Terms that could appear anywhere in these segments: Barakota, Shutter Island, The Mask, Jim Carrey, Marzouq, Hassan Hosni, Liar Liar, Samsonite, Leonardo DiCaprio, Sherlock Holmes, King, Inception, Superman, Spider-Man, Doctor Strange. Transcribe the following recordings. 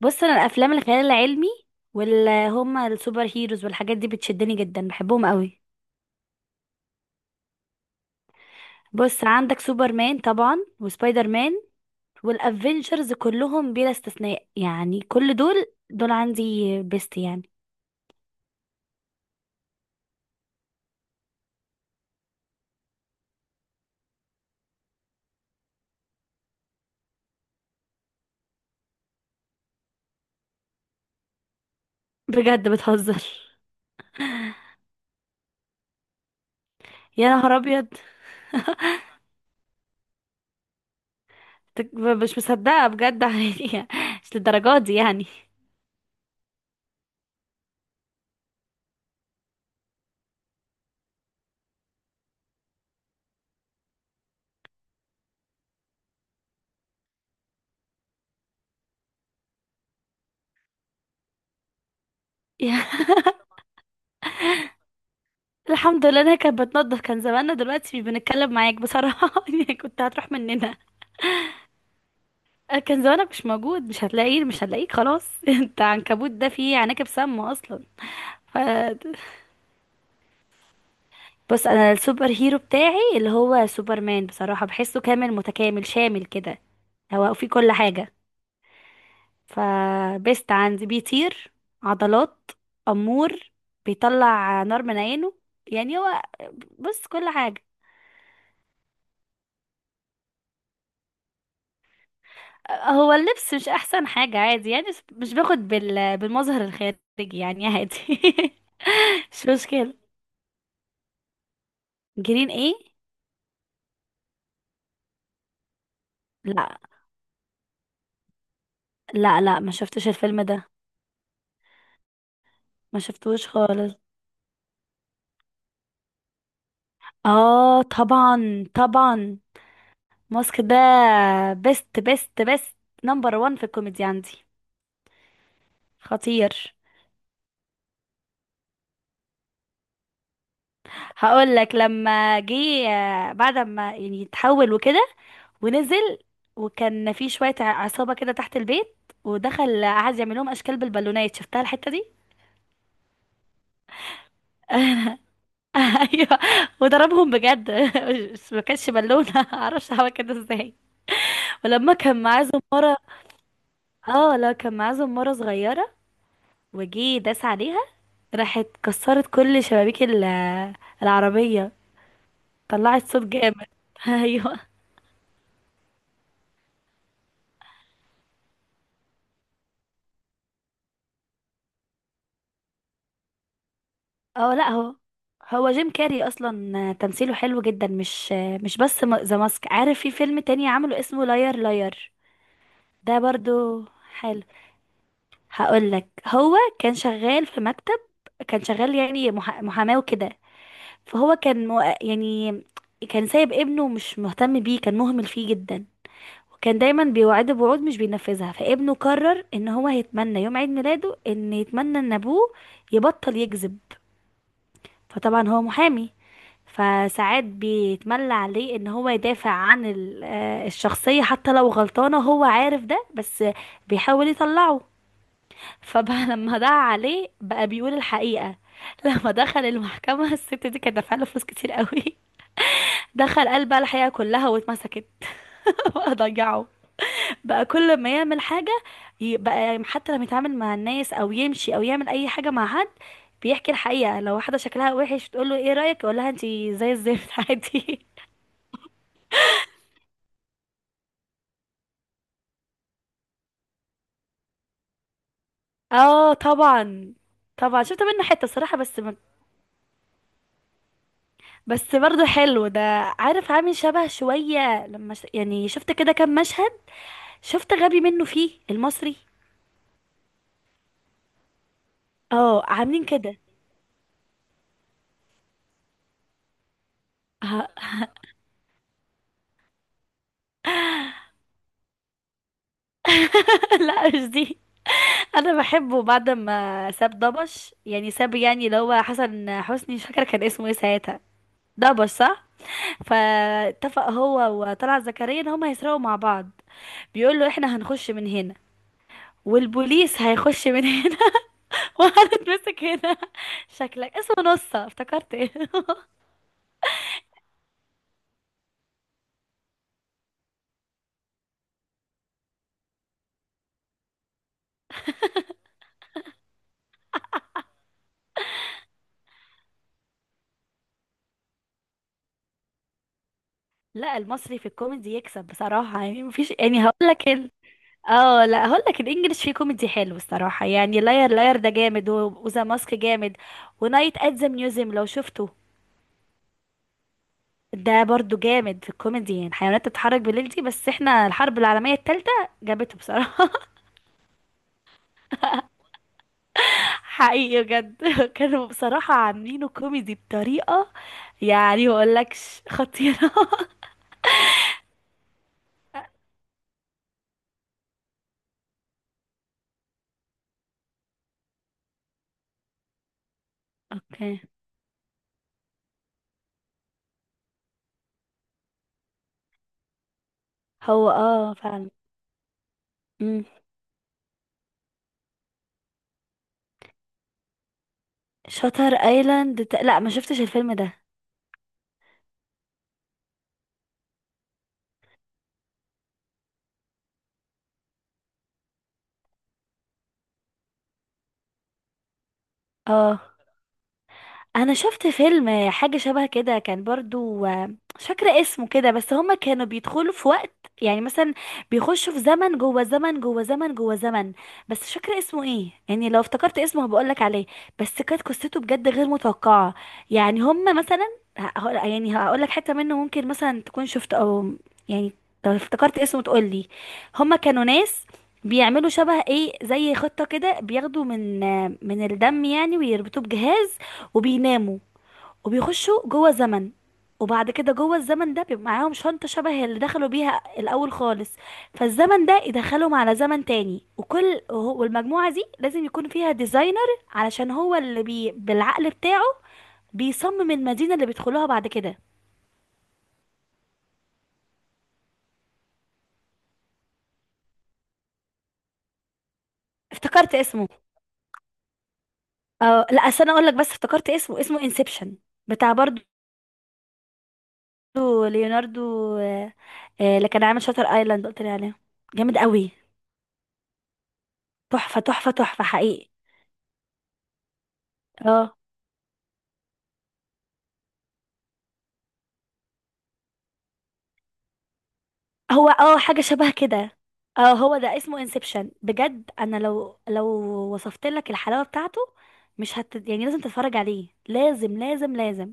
بص انا الافلام الخيال العلمي واللي هما السوبر هيروز والحاجات دي بتشدني جدا، بحبهم قوي. بص عندك سوبرمان طبعا وسبايدر مان، والافنجرز كلهم بلا استثناء، يعني كل دول عندي بيست يعني. بجد بتهزر؟ يا نهار ابيض! مش مصدقه بجد يعني، مش للدرجات دي يعني. يا- الحمد لله انا كانت بتنضف، كان زماننا دلوقتي بنتكلم معاك بصراحه يعني كنت هتروح مننا. كان زمانك مش موجود، مش هتلاقيه، مش هتلاقيك خلاص انت عنكبوت ده فيه عناكب سامة اصلا. ف... بص انا السوبر هيرو بتاعي اللي هو سوبرمان بصراحة، بحسه كامل متكامل شامل كده، هو فيه كل حاجة. فبست عندي، بيطير، عضلات، أمور، بيطلع نار من عينه، يعني هو، بص كل حاجة. هو اللبس مش احسن حاجة، عادي يعني، بس مش باخد بالمظهر الخارجي، يعني عادي مش مشكلة. جرين ايه؟ لا، لا، لا ما شفتش الفيلم ده. ما شفتوش خالص. اه طبعا، طبعا. ماسك ده بيست بيست بيست، نمبر وان في الكوميدي عندي. خطير! هقول لك لما جه، بعد ما يعني اتحول وكده ونزل، وكان في شوية عصابة كده تحت البيت، ودخل قعد يعمل لهم اشكال بالبالونات. شفتها الحتة دي؟ ايوه، وضربهم بجد ما كانش بالونه معرفش عمل كده ازاي. ولما كان معاه زمارة، اه لا، كان معاه زمارة صغيرة، وجي داس عليها، راحت كسرت كل شبابيك العربية، طلعت صوت جامد ايوه. اه لا هو جيم كاري اصلا تمثيله حلو جدا، مش بس ذا ماسك، عارف في فيلم تاني عمله اسمه لاير لاير، ده برضو حلو. هقولك هو كان شغال في مكتب، كان شغال يعني محاماه وكده، فهو كان يعني كان سايب ابنه، مش مهتم بيه، كان مهمل فيه جدا، كان دايما بيوعده بوعود مش بينفذها. فابنه قرر ان هو هيتمنى يوم عيد ميلاده ان يتمنى ان ابوه يبطل يكذب. فطبعا هو محامي، فساعات بيتملى عليه ان هو يدافع عن الشخصية حتى لو غلطانة، هو عارف ده، بس بيحاول يطلعه. فبقى لما دعا عليه بقى بيقول الحقيقة، لما دخل المحكمة، الست دي كانت دافعة له فلوس كتير قوي دخل قال بقى الحقيقة كلها واتمسكت بقى ضيعه. بقى كل ما يعمل حاجة، بقى حتى لما يتعامل مع الناس او يمشي او يعمل اي حاجة مع حد، بيحكي الحقيقة. لو واحدة شكلها وحش تقول له ايه رأيك، يقول لها انتي زي الزفت عادي. اه طبعا، طبعا، شفت منه حتة صراحة بس برضه حلو ده، عارف عامل شبه شوية لما يعني شفت كده كام مشهد، شفت غبي منه فيه المصري. اه عاملين كده. لا مش دي، انا بحبه بعد ما ساب دبش، يعني ساب يعني اللي هو حسن حسني، مش فاكره كان اسمه ايه ساعتها. دبش صح. فاتفق هو وطلعت زكريا ان هما هيسرقوا مع بعض، بيقول له احنا هنخش من هنا، والبوليس هيخش من هنا وهنتمسك هنا. شكلك اسمه نصة، افتكرت ايه. لا، المصري في الكوميدي يكسب بصراحة، يعني مفيش، يعني هقول لك. اه لا هقول لك، الانجليش فيه كوميدي حلو الصراحه، يعني لاير لاير ده جامد، وذا ماسك جامد، ونايت ات ذا ميوزيوم لو شفته، ده برضو جامد في الكوميدي. يعني حيوانات تتحرك بالليل دي، بس احنا الحرب العالميه الثالثه جابته بصراحه. حقيقي بجد كانوا بصراحه عاملينه كوميدي بطريقه، يعني ما اقولكش خطيره. اوكي. هو اه فعلا. امم شاتر ايلاند، لا، ما شفتش الفيلم ده. اه، انا شفت فيلم حاجه شبه كده، كان برضو مش فاكره اسمه كده، بس هما كانوا بيدخلوا في وقت، يعني مثلا بيخشوا في زمن جوه زمن جوه زمن جوه زمن، بس مش فاكره اسمه ايه يعني. لو افتكرت اسمه هبقولك عليه. بس كانت قصته بجد غير متوقعه، يعني هما مثلا يعني هقولك حته منه ممكن مثلا تكون شفت او يعني، لو افتكرت اسمه تقولي. هما كانوا ناس بيعملوا شبه ايه زي خطة كده، بياخدوا من من الدم يعني ويربطوه بجهاز وبيناموا وبيخشوا جوه زمن. وبعد كده جوه الزمن ده بيبقى معاهم شنطة شبه اللي دخلوا بيها الأول خالص، فالزمن ده يدخلهم على زمن تاني، وكل والمجموعة دي لازم يكون فيها ديزاينر علشان هو اللي بالعقل بتاعه بيصمم المدينة اللي بيدخلوها بعد كده. افتكرت اسمه! اه لا، أصل أنا أقول لك، بس افتكرت اسمه، اسمه انسبشن، بتاع برضو ليوناردو. آه، اللي كان عامل شاتر ايلاند قلت لي عليه، جامد قوي، تحفة تحفة تحفة حقيقي. اه هو اه، حاجة شبه كده، اه هو ده اسمه انسبشن. بجد انا لو وصفت لك الحلاوة بتاعته، مش هت يعني لازم تتفرج عليه، لازم لازم لازم.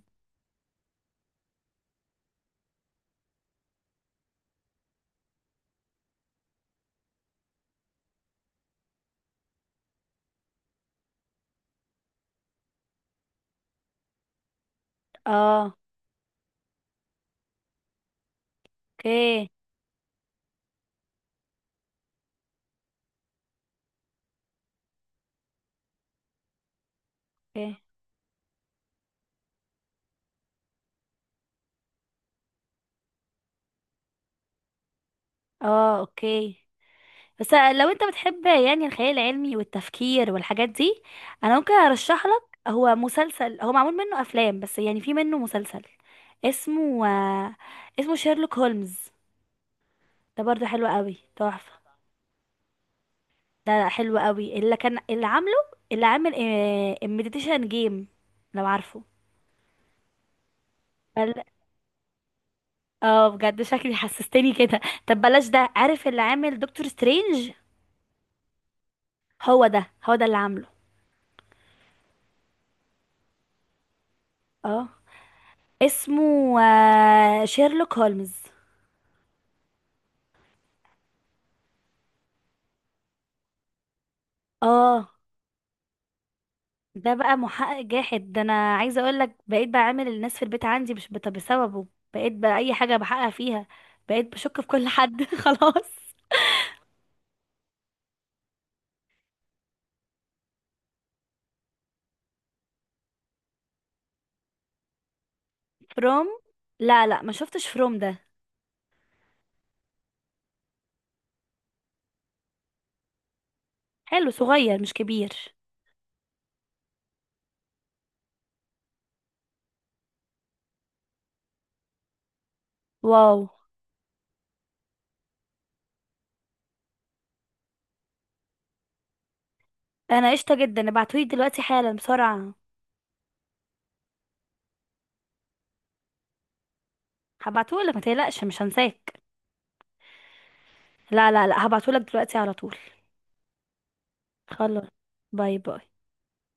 اه اوكي، اوكي، اه اوكي. بس لو انت بتحب يعني الخيال العلمي والتفكير والحاجات دي، انا ممكن ارشح لك، هو مسلسل، هو معمول منه افلام بس يعني في منه مسلسل، اسمه اسمه شيرلوك هولمز، ده برضو حلو قوي، تحفة. ده حلو قوي، اللي كان اللي عامله، اللي عامل المديتيشن جيم، لو عارفه. بل... اه بجد شكلي حسستني كده. طب بلاش ده، عارف اللي عامل دكتور سترينج؟ هو ده، هو ده اللي عامله. اه، اسمه شيرلوك هولمز. اه. ده بقى محقق جاحد ده، انا عايزه اقول لك بقيت بعامل الناس في البيت عندي مش بسببه، بقيت بقى اي حاجه بحقق فيها، بقيت بشك في كل حد خلاص. فروم؟ لا، لا، ما شفتش فروم ده. حلو، صغير مش كبير. واو. انا قشطه جدا، ابعتولي دلوقتي حالا بسرعه. هبعتهولك ما تقلقش، مش هنساك. لا لا لا، هبعتهولك دلوقتي على طول. خلاص. باي باي.